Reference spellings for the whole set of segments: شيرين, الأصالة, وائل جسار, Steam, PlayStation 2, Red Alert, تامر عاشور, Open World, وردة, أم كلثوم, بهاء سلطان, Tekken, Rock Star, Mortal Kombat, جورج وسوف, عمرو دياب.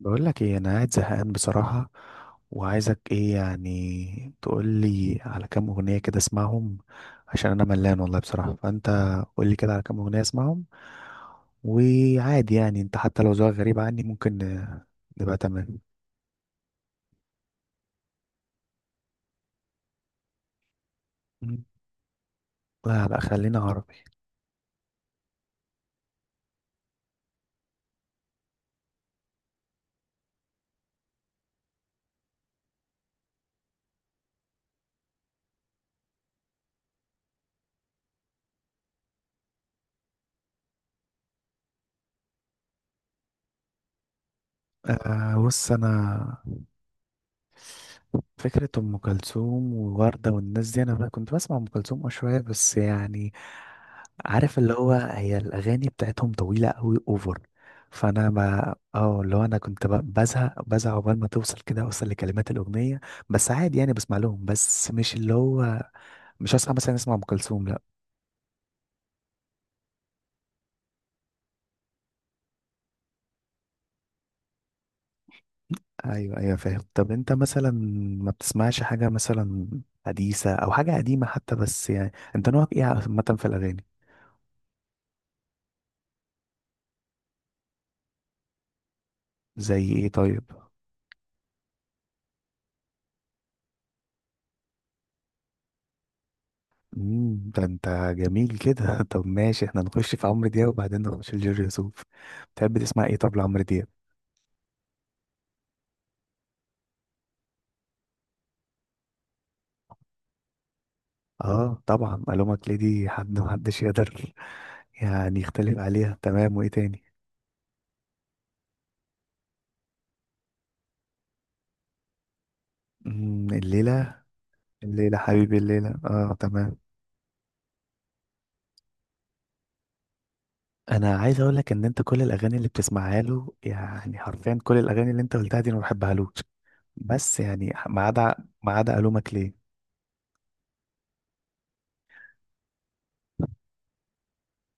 بقول لك ايه، انا قاعد زهقان بصراحة، وعايزك ايه يعني؟ تقول لي على كام اغنية كده اسمعهم، عشان انا ملان والله بصراحة. فانت قول لي كده على كام اغنية اسمعهم. وعادي يعني انت حتى لو ذوقك غريب عني ممكن نبقى تمام. مم. لا، لا، خلينا عربي. آه بص انا، فكرة أم كلثوم ووردة والناس دي، أنا بقى كنت بسمع أم كلثوم أه شوية، بس يعني عارف اللي هو، هي الأغاني بتاعتهم طويلة أوي أوفر. فأنا ما اه اللي هو أنا كنت بزهق بزهق عقبال ما توصل كده، أوصل لكلمات الأغنية. بس عادي يعني بسمع لهم، بس مش اللي هو، مش هصحى مثلا أسمع أم كلثوم لأ. أيوه أيوه فاهم. طب أنت مثلا ما بتسمعش حاجة مثلا حديثة أو حاجة قديمة حتى؟ بس يعني أنت نوعك إيه عامة في الأغاني؟ زي إيه طيب؟ ده انت جميل كده. طب ماشي، احنا نخش في عمرو دياب وبعدين نخش في جورج وسوف. بتحب تسمع ايه طب لعمرو دياب؟ اه طبعا، الومك ليدي حد محدش يقدر يعني يختلف عليها، تمام. وايه تاني؟ الليلة؟ الليلة حبيبي الليلة، اه تمام. انا عايز اقول لك ان انت كل الاغاني اللي بتسمعها له، يعني حرفيا كل الاغاني اللي انت قلتها دي انا ما بحبهالوش. بس يعني ما عدا، ما عدا الومك ليه.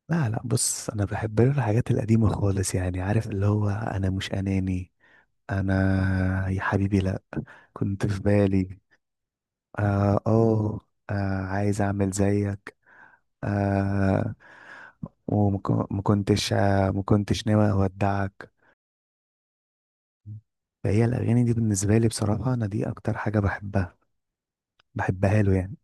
لا، لا، بص انا بحب الحاجات القديمه خالص يعني، عارف اللي هو انا مش اناني. انا يا حبيبي لا، كنت في بالي. اه اه. آه، عايز اعمل زيك. آه. وما كنتش آه ما كنتش ناوي اودعك. فهي الاغاني دي بالنسبه لي بصراحه، انا دي اكتر حاجه بحبها، بحبها له يعني.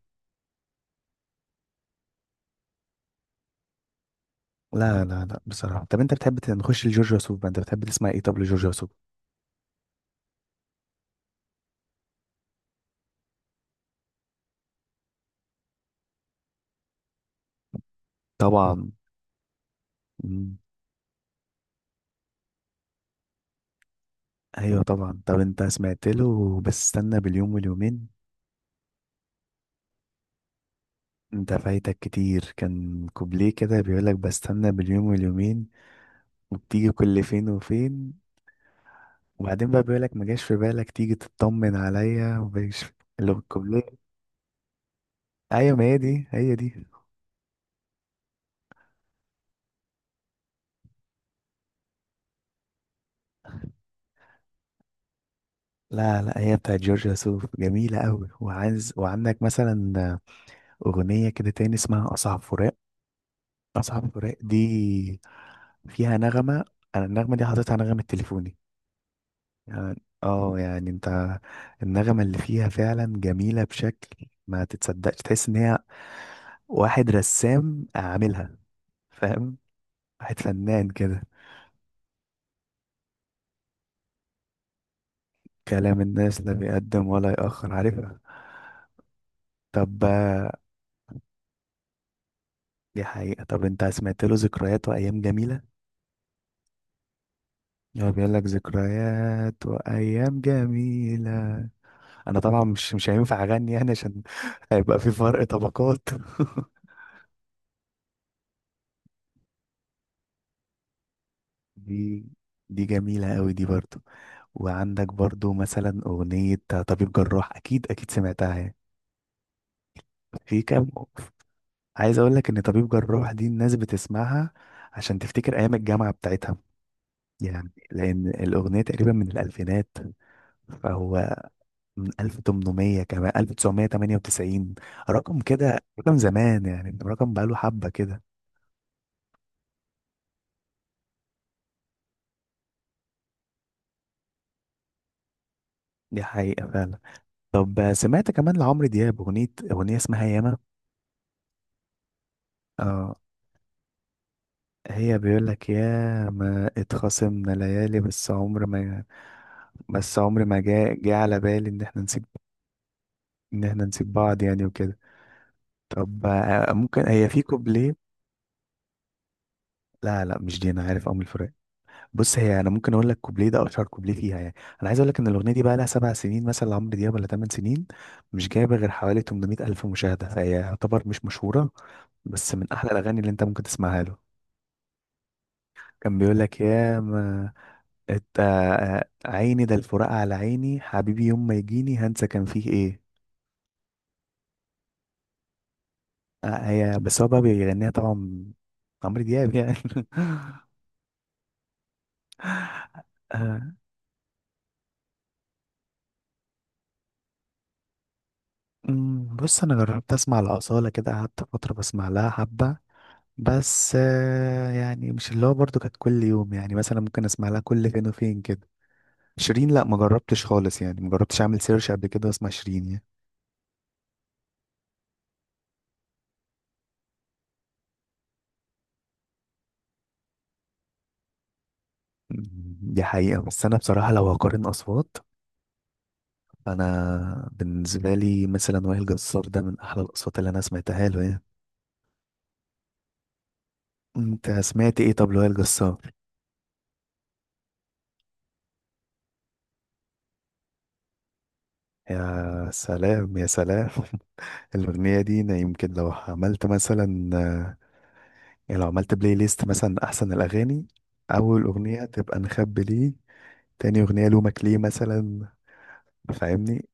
لا، لا، لا، بصراحه. طب انت بتحب نخش لجورج وسوف بقى، انت بتحب تسمع ايه طب لجورج وسوف؟ طبعا. ايوه طبعا. طب انت سمعت له بس استنى باليوم واليومين؟ انت فايتك كتير. كان كوبليه كده بيقولك بستنى باليوم واليومين وبتيجي كل فين وفين. وبعدين بقى بيقولك ما جاش في بالك تيجي تطمن عليا، ومجاش في-، اللي هو الكوبليه. ايوه، ما هي دي، هي دي. لا، لا، هي بتاعت جورج وسوف، جميلة قوي. وعايز، وعندك مثلا أغنية كده تاني اسمها أصعب فراق. أصعب فراق دي فيها نغمة، أنا النغمة دي حاططها نغمة تليفوني. يعني اه يعني انت، النغمة اللي فيها فعلا جميلة بشكل ما تتصدقش، تحس ان هي واحد رسام عاملها، فاهم؟ واحد فنان كده. كلام الناس، لا بيقدم ولا يأخر، عارفها. طب آه. دي حقيقة. طب انت سمعت له ذكريات وأيام جميلة؟ هو بيقول لك ذكريات وأيام جميلة. أنا طبعا مش هينفع أغني يعني، عشان هيبقى في فرق طبقات. دي دي جميلة أوي دي برضه. وعندك برضو مثلا أغنية طبيب جراح، أكيد أكيد سمعتها يعني. في كام، عايز أقول لك إن طبيب جراح دي الناس بتسمعها عشان تفتكر أيام الجامعة بتاعتها، يعني لأن الأغنية تقريبا من الألفينات. فهو من 1800 كمان 1998، رقم كده رقم زمان يعني، رقم بقاله حبة كده. دي حقيقة فعلا. طب سمعت كمان لعمرو دياب أغنية اسمها ياما؟ اه، هي بيقول لك يا ما اتخاصمنا ليالي، بس عمر ما، بس عمر ما جاء جه على بالي ان احنا نسيب بعض يعني وكده. طب آه، ممكن هي في كوبليه. لا، لا، مش دي، انا عارف ام الفراق. بص، هي انا ممكن اقول لك كوبليه ده اشهر كوبليه فيها يعني. انا عايز اقول لك ان الاغنيه دي بقى لها 7 سنين مثلا لعمرو دياب ولا 8 سنين. مش جايبه غير حوالي 800 الف مشاهده، فهي يعتبر مش مشهوره. بس من احلى الاغاني اللي انت ممكن تسمعها له. كان بيقول لك يا ما عيني ده الفراق على عيني حبيبي، يوم ما يجيني هنسى كان فيه ايه. آه، هي بس هو بقى بيغنيها طبعا، عمرو دياب يعني. آه. بص انا جربت اسمع الاصاله كده، قعدت فتره بسمع لها حبه. بس يعني مش اللي هو برضو كانت كل يوم يعني، مثلا ممكن اسمع لها كل فين وفين كده. شيرين لا، ما جربتش خالص يعني، ما جربتش اعمل سيرش قبل كده واسمع شيرين يعني. دي حقيقه، بس انا بصراحه لو هقارن اصوات، انا بالنسبه لي مثلا وائل جسار ده من احلى الاصوات اللي انا سمعتها له يعني. انت سمعت ايه طب لوائل جسار؟ يا سلام يا سلام. الاغنيه دي انا يمكن لو عملت مثلا، يعني لو عملت بلاي ليست مثلا احسن الاغاني، اول اغنيه تبقى نخبي ليه، تاني اغنيه لومك ليه مثلا، فاهمني؟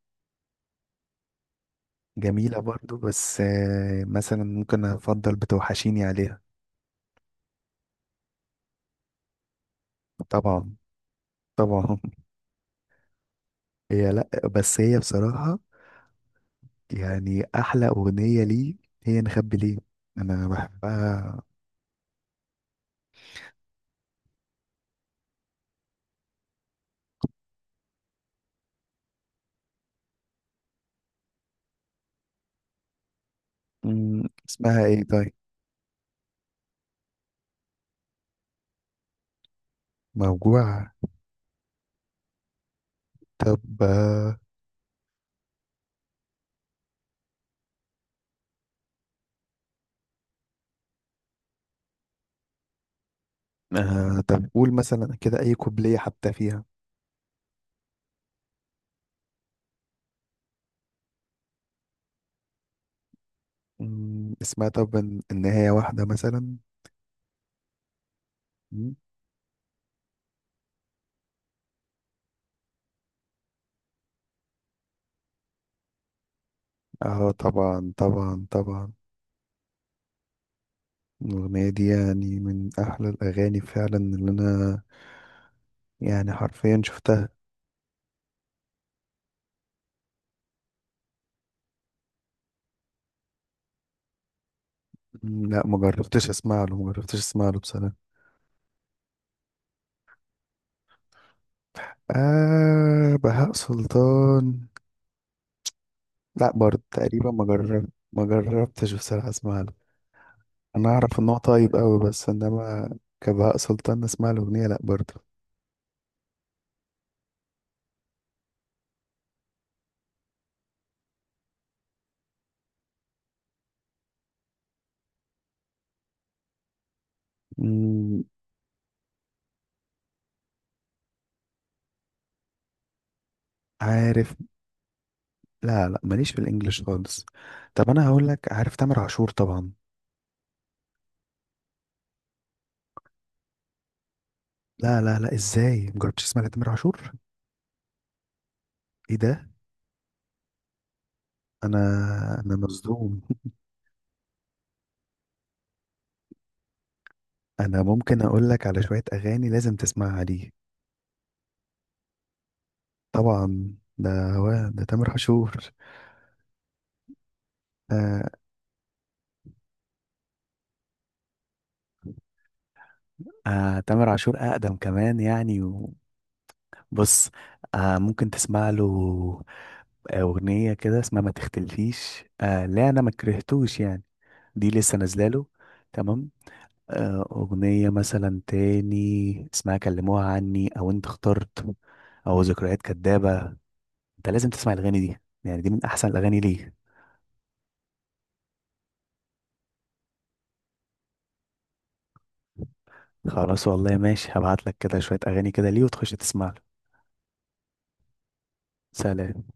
جميله برضو، بس مثلا ممكن افضل بتوحشيني عليها. طبعا طبعا. هي لا، بس هي بصراحه يعني احلى اغنيه ليه، هي نخبي ليه، انا بحبها. مم، اسمها ايه طيب؟ موجوع. طب آه آه، طب قول مثلا كده اي كوبليه حتى فيها. اسمها طب النهايه واحده مثلا؟ مم، اه طبعا طبعا طبعا. الاغنيه دي يعني من احلى الاغاني فعلا اللي انا، يعني حرفيا شفتها. لا ما جربتش اسمع له، ما جربتش اسمع له بصراحه. آه بهاء سلطان، لا برضه تقريبا ما جربتش بصراحة اسمع له. انا اعرف ان هو طيب قوي، بس انما كبهاء سلطان اسمع له اغنية لا برضه. مم، عارف. لا، لا، ماليش في الانجليش خالص. طب انا هقول لك، عارف تامر عاشور طبعا. لا، لا، لا، ازاي مجربتش تسمع لتامر عاشور؟ ايه ده؟ انا انا مصدوم. انا ممكن اقول لك على شوية اغاني لازم تسمعها ليه. طبعا، ده هو ده تامر عاشور. آه. آه تامر عاشور أقدم كمان يعني. بص، آه ممكن تسمع له أغنية كده اسمها ما تختلفيش. آه لا، أنا ما كرهتوش يعني، دي لسه نازلة له. تمام. آه أغنية مثلا تاني اسمها كلموها عني، أو أنت اخترت، أو ذكريات كدابة. أنت لازم تسمع الأغاني دي، يعني دي من أحسن الأغاني ليه. خلاص والله ماشي، هبعت لك كده شوية أغاني كده ليه وتخش تسمع له. سلام.